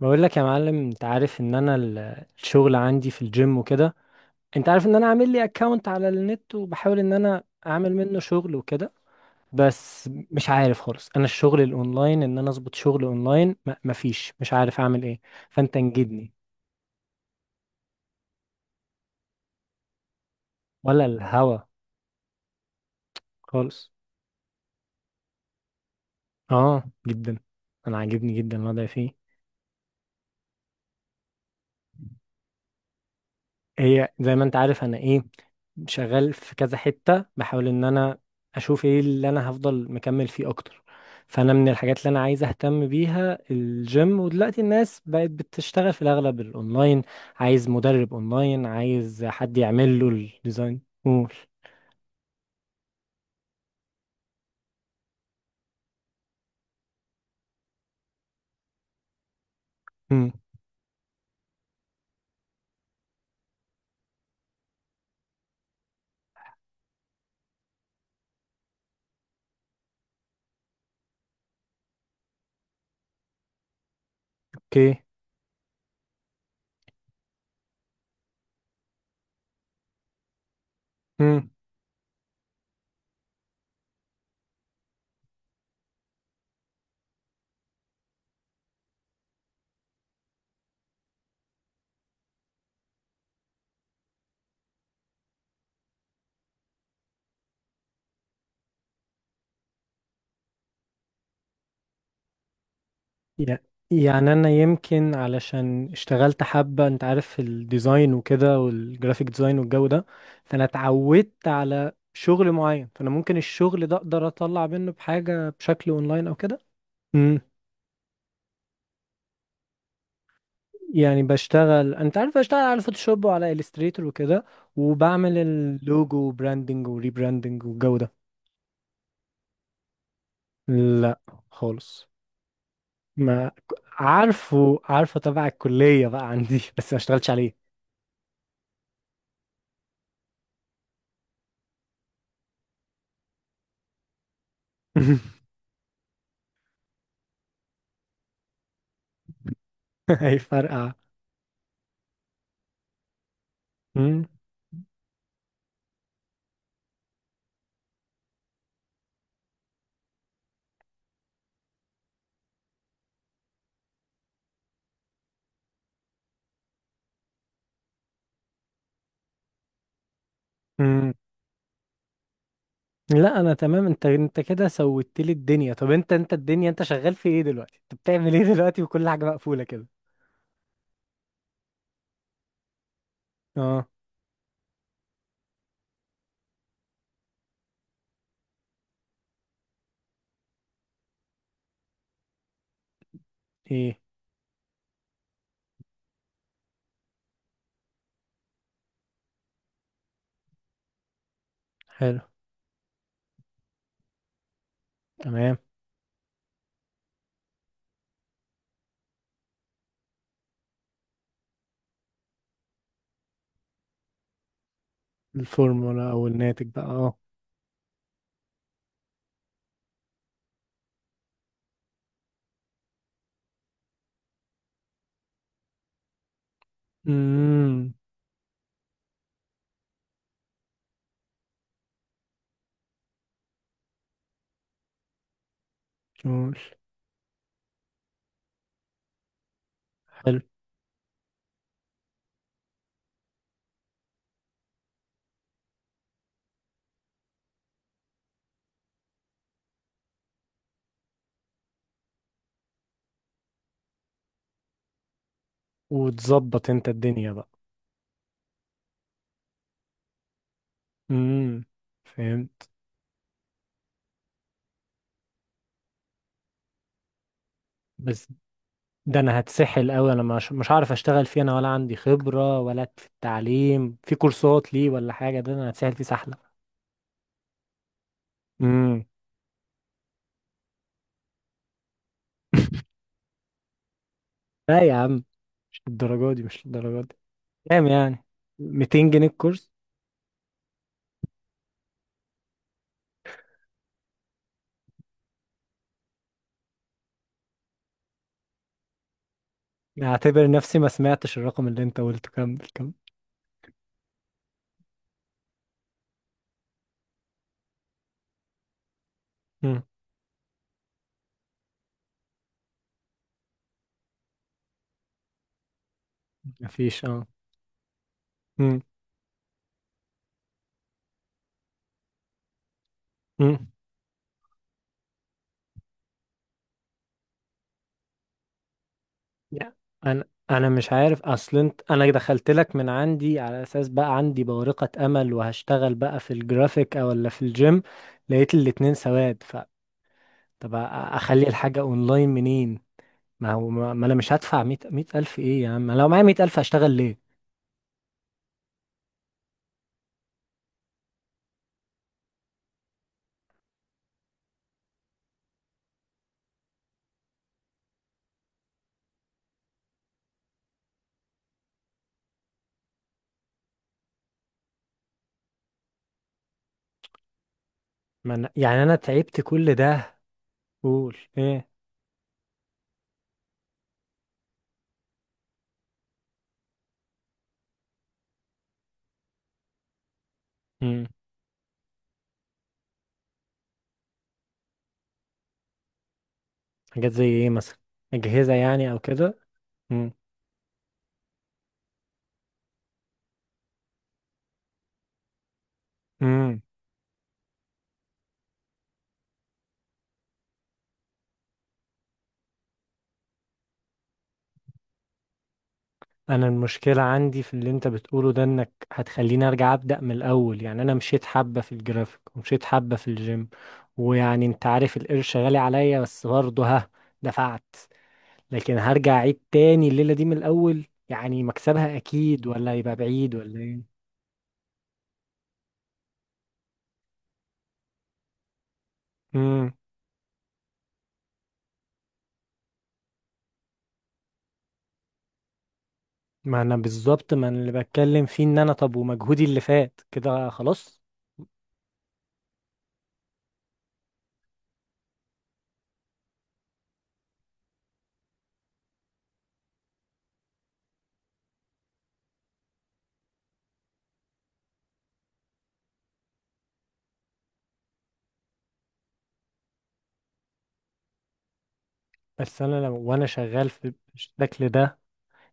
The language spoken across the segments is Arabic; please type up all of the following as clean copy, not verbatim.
بقول لك يا معلم، انت عارف ان انا الشغل عندي في الجيم وكده. انت عارف ان انا عامل لي اكونت على النت، وبحاول ان انا اعمل منه شغل وكده. بس مش عارف خالص، انا الشغل الاونلاين ان انا اظبط شغل اونلاين مفيش، مش عارف اعمل ايه. فانت انجدني. ولا الهوا خالص. اه، جدا. انا عاجبني جدا الوضع فيه. هي زي ما انت عارف انا ايه، شغال في كذا حتة، بحاول ان انا اشوف ايه اللي انا هفضل مكمل فيه اكتر. فانا من الحاجات اللي انا عايز اهتم بيها الجيم، ودلوقتي الناس بقت بتشتغل في الاغلب الاونلاين. عايز مدرب اونلاين، عايز حد يعمل له الديزاين، قول. مم. اوكي. يع- يعني انا يمكن علشان اشتغلت حبة، انت عارف، في الديزاين وكده، والجرافيك ديزاين والجو ده. فانا اتعودت على شغل معين، فانا ممكن الشغل ده اقدر اطلع منه بحاجة بشكل اونلاين او كده. امم. يعني بشتغل، انت عارف، بشتغل على فوتوشوب وعلى الستريتور وكده. وبعمل اللوجو وبراندنج وريبراندنج والجو ده. لا، خالص. ما عارفه، عارفه تبع الكلية بقى عندي، بس ما اشتغلتش عليه. هيفرقع. مم. لا، انا تمام. انت كده سويت لي الدنيا. طب انت الدنيا، انت شغال في ايه دلوقتي؟ انت بتعمل ايه دلوقتي وكل حاجه مقفوله كده؟ اه. ايه. حلو. تمام. الفورمولا او الناتج بقى، اه. امم. قول. حلو. وتظبط انت الدنيا بقى. امم. فهمت. بس ده انا هتسحل قوي، انا مش هعرف اشتغل فيه، انا ولا عندي خبره، ولا في التعليم في كورسات ليه، ولا حاجه، ده انا هتسحل فيه سحله. امم. لا يا عم، مش للدرجه دي، مش للدرجه دي. كام يعني؟ 200 جنيه الكورس؟ اعتبر نفسي ما سمعتش الرقم اللي انت قلته، كمل، كمل. مم. مفيش، اه. مم. مم. يا. انا انا مش عارف، اصل انت، انا دخلت لك من عندي على اساس بقى عندي بورقة امل، وهشتغل بقى في الجرافيك، او ولا في الجيم. لقيت الاتنين سواد، ف طب اخلي الحاجة اونلاين منين؟ ما هو، ما انا مش هدفع مية الف ايه يا عم؟ أنا لو معايا 100,000 هشتغل ليه؟ ما أنا، يعني انا تعبت كل ده. قول ايه؟ حاجات زي ايه مثلا؟ اجهزة يعني او كده؟ امم. امم. انا المشكلة عندي في اللي انت بتقوله ده، انك هتخليني ارجع ابدأ من الاول، يعني انا مشيت حبة في الجرافيك، ومشيت حبة في الجيم. ويعني انت عارف القرش غالي عليا، بس برضه ها، دفعت. لكن هرجع اعيد تاني الليلة دي من الاول، يعني مكسبها اكيد ولا هيبقى بعيد ولا ايه؟ امم. ما انا بالظبط، ما أنا اللي بتكلم فيه ان انا، طب ومجهودي اللي فات كده خلاص. بس انا لو وانا شغال في الشكل ده،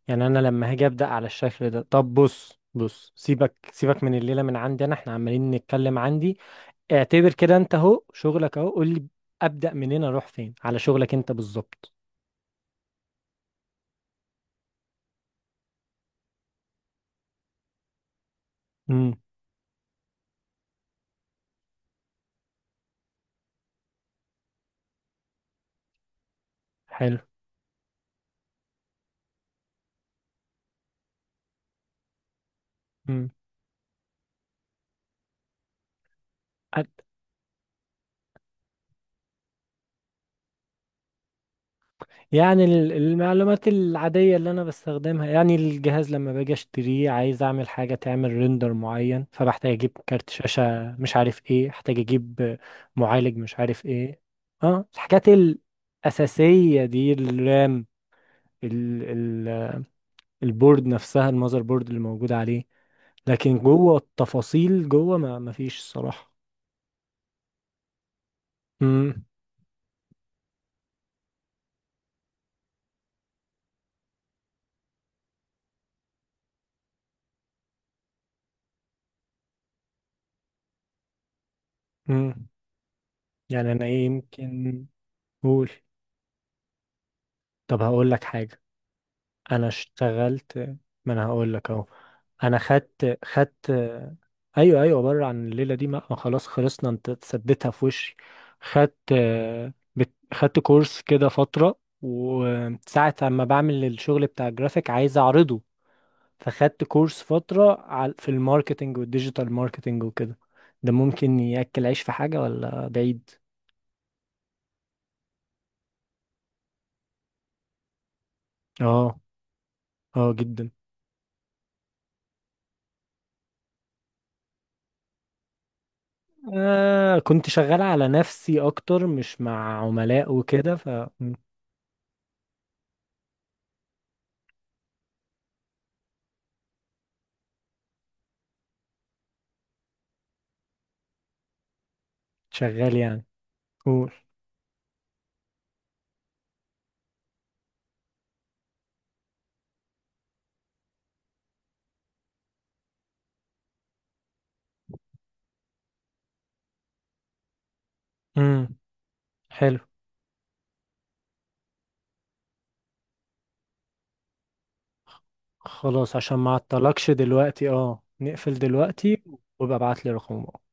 يعني انا لما هاجي ابدا على الشكل ده. طب بص بص، سيبك سيبك من الليله، من عندي انا، احنا عمالين نتكلم عندي. اعتبر كده انت اهو شغلك اهو، قول لي ابدا منين، اروح فين على شغلك انت بالظبط. امم. حلو. امم. يعني المعلومات العاديه اللي انا بستخدمها، يعني الجهاز لما باجي اشتريه عايز اعمل حاجه تعمل ريندر معين، فبحتاج اجيب كارت شاشه، مش عارف ايه احتاج اجيب، معالج، مش عارف ايه. اه، الحاجات الاساسيه دي، الرام، ال ال البورد نفسها، المذر بورد اللي موجود عليه. لكن جوه التفاصيل جوه، ما فيش الصراحة. امم. امم. يعني انا ايه يمكن. قول. طب هقول لك حاجة، انا اشتغلت. ما انا هقول لك اهو. انا خدت. ايوه، ايوه، بره عن الليلة دي، ما خلاص، خلصنا، انت سديتها في وشي. خدت. خدت كورس كده فترة، وساعة اما بعمل الشغل بتاع الجرافيك عايز اعرضه، فخدت كورس فترة في الماركتينج والديجيتال ماركتينج وكده. ده ممكن يأكل عيش في حاجة ولا بعيد؟ اه. اه، جدا. آه، كنت شغال على نفسي اكتر، مش مع عملاء وكده، ف. م، شغال يعني. قول. امم. حلو. خلاص، عشان ما اعطلكش دلوقتي، اه، نقفل دلوقتي، وابقى ابعت لي رقمك.